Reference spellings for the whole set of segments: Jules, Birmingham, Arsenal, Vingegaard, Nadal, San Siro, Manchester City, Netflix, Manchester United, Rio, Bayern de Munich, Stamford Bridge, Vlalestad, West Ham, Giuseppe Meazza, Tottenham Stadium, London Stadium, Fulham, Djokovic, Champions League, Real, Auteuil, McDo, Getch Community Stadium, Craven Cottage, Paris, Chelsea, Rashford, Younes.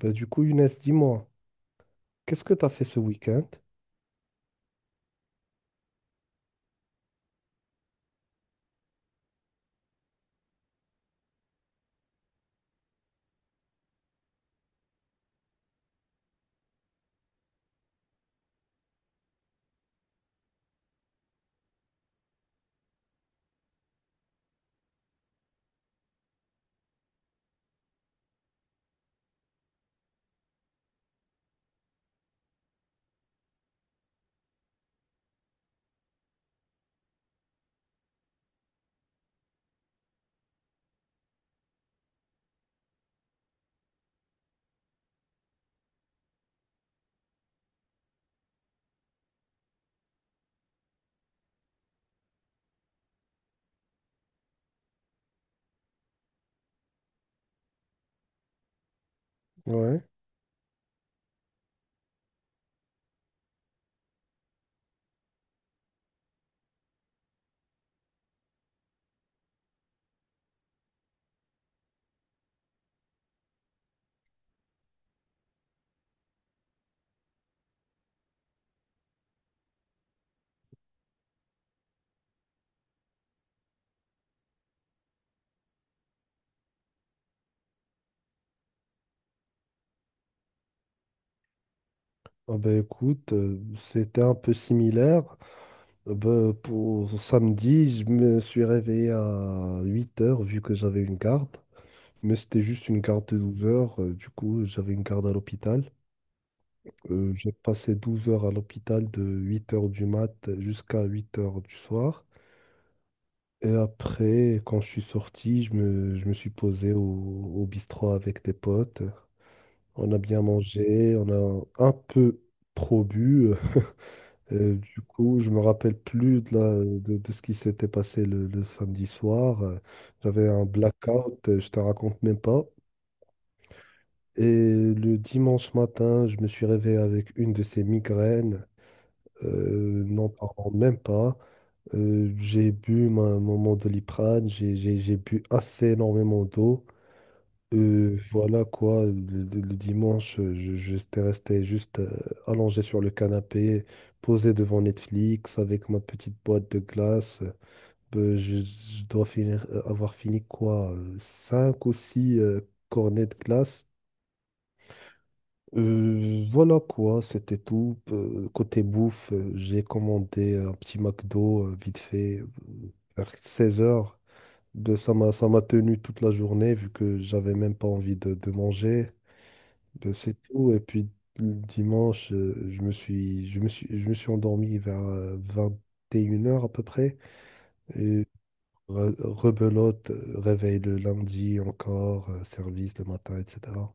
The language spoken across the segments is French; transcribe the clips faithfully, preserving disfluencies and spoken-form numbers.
Bah, du coup, Younes, dis-moi, qu'est-ce que tu as fait ce week-end? Ouais. Ah bah, écoute, euh, c'était un peu similaire. Euh, bah, pour samedi, je me suis réveillé à huit heures vu que j'avais une garde. Mais c'était juste une garde de douze heures. euh, du coup, j'avais une garde à l'hôpital. Euh, j'ai passé douze heures à l'hôpital de huit heures du mat jusqu'à huit heures du soir. Et après, quand je suis sorti, je me, je me suis posé au, au bistrot avec des potes. On a bien mangé, on a un peu trop bu. Euh, du coup, je me rappelle plus de, la- de, de ce qui s'était passé le, le samedi soir. Euh, J'avais un blackout, euh, je te raconte même pas. Et le dimanche matin, je me suis réveillé avec une de ces migraines. Euh, n'en parlons même pas. Euh, j'ai bu ma, mon, mon doliprane, j'ai j'ai- j'ai bu assez énormément d'eau. Euh, voilà quoi, le, le- le dimanche, euh, je, j'étais resté juste euh, allongé sur le canapé, posé devant Netflix avec ma petite boîte de glace. Euh, je, je dois finir, euh, avoir fini quoi, euh, cinq ou six cornets de glace. Euh, voilà quoi, c'était tout. Euh, côté bouffe, euh, j'ai commandé un petit McDo euh, vite fait euh, vers seize heures. Ben, ça m'a, ça m'a tenu toute la journée vu que j'avais même pas envie de, de manger. Ben, c'est tout. Et puis le dimanche, euh, je me suis, je me suis, je me suis endormi vers euh, vingt et une heures à peu près. Et re- rebelote, euh, réveil le lundi encore, euh, service le matin, et cetera.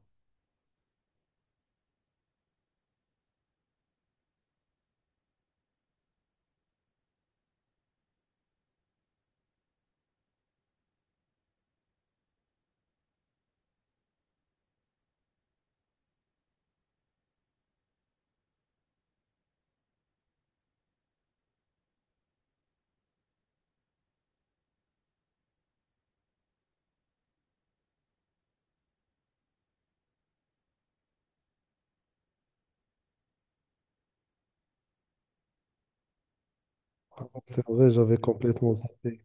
Ah, c'est vrai, j'avais complètement zappé.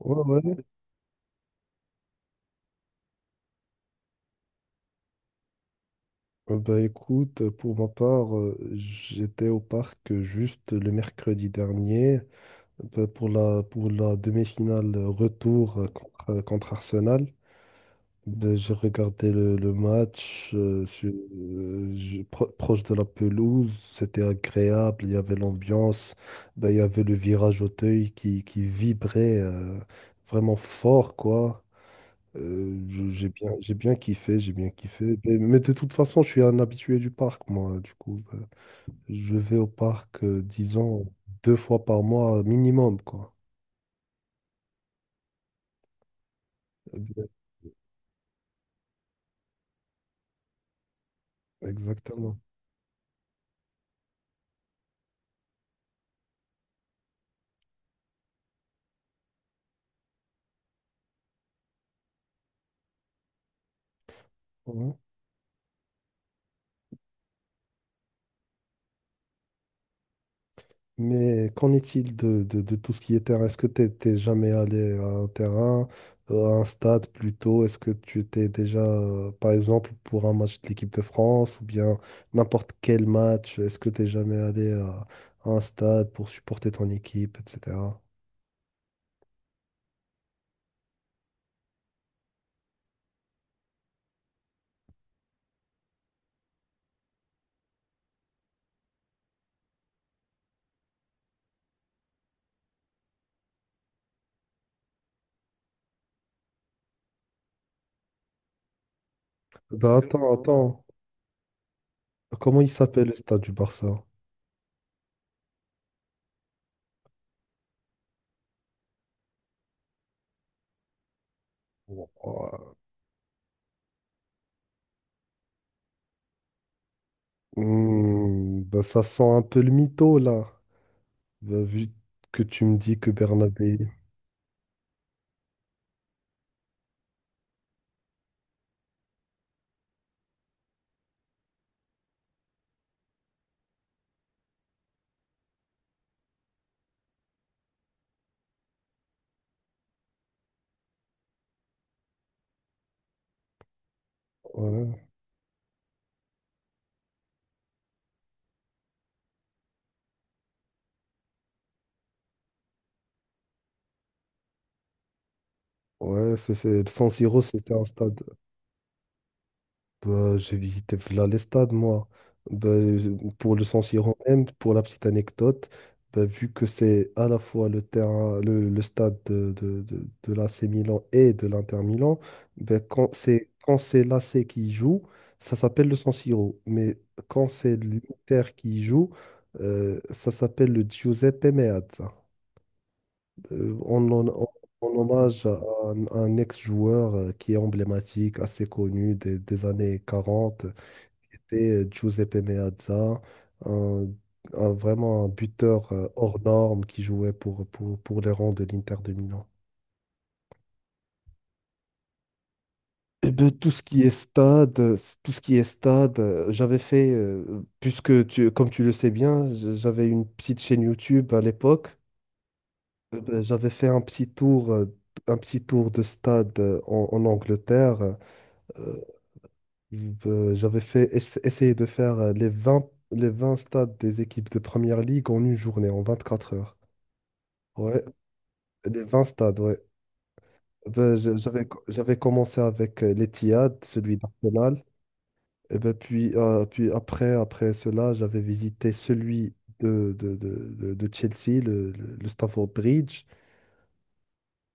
Ouais, ouais. Euh, Ben, écoute, euh, pour ma part, euh, j'étais au parc euh, juste le mercredi dernier euh, ben, pour la, pour la demi-finale euh, retour euh, contre, euh, contre Arsenal. Ben, j'ai regardé le, le match euh, sur- euh, je- pro- proche de la pelouse, c'était agréable, il y avait l'ambiance, ben, il y avait le virage Auteuil qui, qui vibrait euh, vraiment fort, quoi. Euh, je- j'ai bien, j'ai bien kiffé, j'ai bien kiffé. Ben, mais de toute façon, je suis un habitué du parc, moi, du coup. Ben, je vais au parc, euh, disons, deux fois par mois minimum, quoi. Eh bien, exactement. Ouais. Mais qu'en est-il de, de- de tout ce qui est terrain? Est-ce que tu t'es jamais allé à un terrain, euh, à un stade plutôt? Est-ce que tu t'es déjà, euh, par exemple, pour un match de l'équipe de France ou bien n'importe quel match, est-ce que t'es jamais allé à, à un stade pour supporter ton équipe, et cetera. Bah attends, attends. Comment il s'appelle le stade du Barça? Ouah. Hmm, bah ça sent un peu le mytho là. Bah, vu que tu me dis que Bernabé... Ouais, ouais. c'est, c'est- San Siro, c'était un stade. Bah, j'ai visité Vlalestad, moi. Bah, je- pour le San Siro même, pour la petite anecdote, bah, vu que c'est à la fois le terrain, le, le stade de, de, de, de l'A C Milan et de l'Inter Milan, bah, quand c'est quand c'est l'A C qui joue, ça s'appelle le San Siro. Mais quand c'est l'Inter qui joue, euh, ça s'appelle le Giuseppe Meazza. Euh, on, en- on- En hommage à un, à un ex-joueur euh, qui est emblématique, assez connu des, des années quarante, c'était Giuseppe Meazza, un, un- vraiment un buteur euh, hors norme qui jouait pour, pour, pour les rangs de l'Inter de Milan. Eh ben, tout ce qui est stade, euh, tout ce qui est stade, euh, j'avais fait, euh, puisque tu, comme tu le sais bien, j- j'avais une petite chaîne YouTube à l'époque. Euh, ben, j'avais fait un petit tour, euh, un petit tour de stade euh, en, en Angleterre. euh, Euh, j'avais fait ess- essayer de faire euh, les vingt les vingt stades des équipes de première ligue en une journée, en vingt-quatre heures. Ouais, les vingt stades, ouais. Ben, je- j'avais, co- j'avais commencé avec euh, l'Etihad, celui d'Arsenal. Et ben, puis, euh, puis après, après cela, j'avais visité celui de, de, de, de- de Chelsea, le, le- le Stamford Bridge.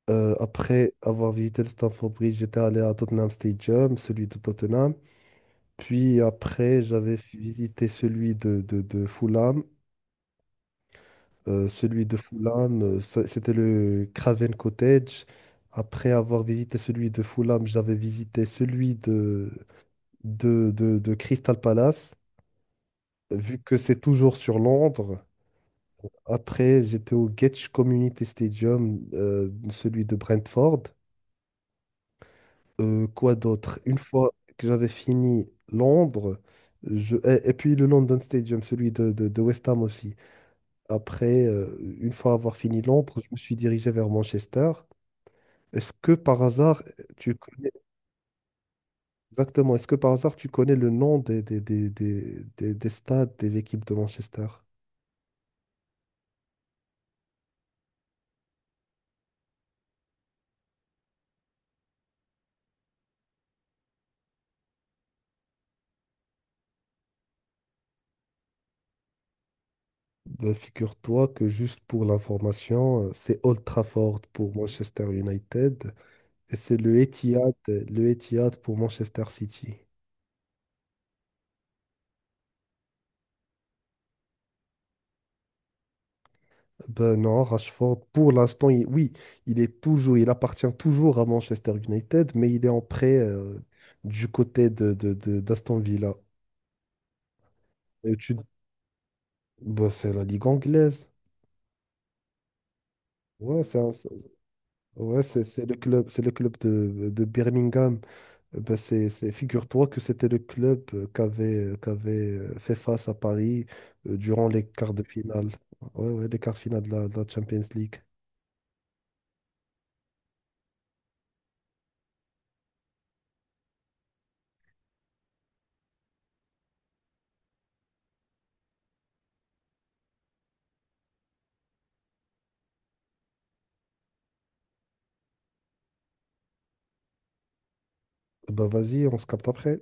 Euh, après avoir visité le Stamford Bridge, j'étais allé à Tottenham Stadium, celui de Tottenham. Puis après, j'avais visité celui de, de, de Fulham. Euh, celui de Fulham, euh, ça- c'était le Craven Cottage. Après avoir visité celui de Fulham, j'avais visité celui de, de, de, de Crystal Palace, vu que c'est toujours sur Londres. Après, j'étais au Getch Community Stadium, euh, celui de Brentford. Euh, quoi d'autre? Une fois que j'avais fini Londres, je... et, et puis le London Stadium, celui de, de de West Ham aussi. Après, euh, une fois avoir fini Londres, je me suis dirigé vers Manchester. Est-ce que par hasard, tu connais exactement, est-ce que par hasard tu connais le nom des, des, des, des, des- des stades des équipes de Manchester? Ben, figure-toi que juste pour l'information, euh, c'est Old Trafford pour Manchester United, et c'est le Etihad, le Etihad pour Manchester City. Ben non, Rashford, pour l'instant, il- oui, il est toujours, il appartient toujours à Manchester United, mais il est en prêt euh, du côté de, de- de- d'Aston Villa. Et tu- ben, c'est la ligue anglaise. Ouais, c'est un- c'est- ouais, c'est, c'est le club, c'est le club de, de Birmingham. Euh, Ben, c'est, c'est- figure-toi que c'était le club euh, qu'avait, euh, qu'avait euh, fait face à Paris euh, durant les quarts de finale. Ouais, ouais, les quarts de finale de la de la Champions League. Bah vas-y, on se capte après.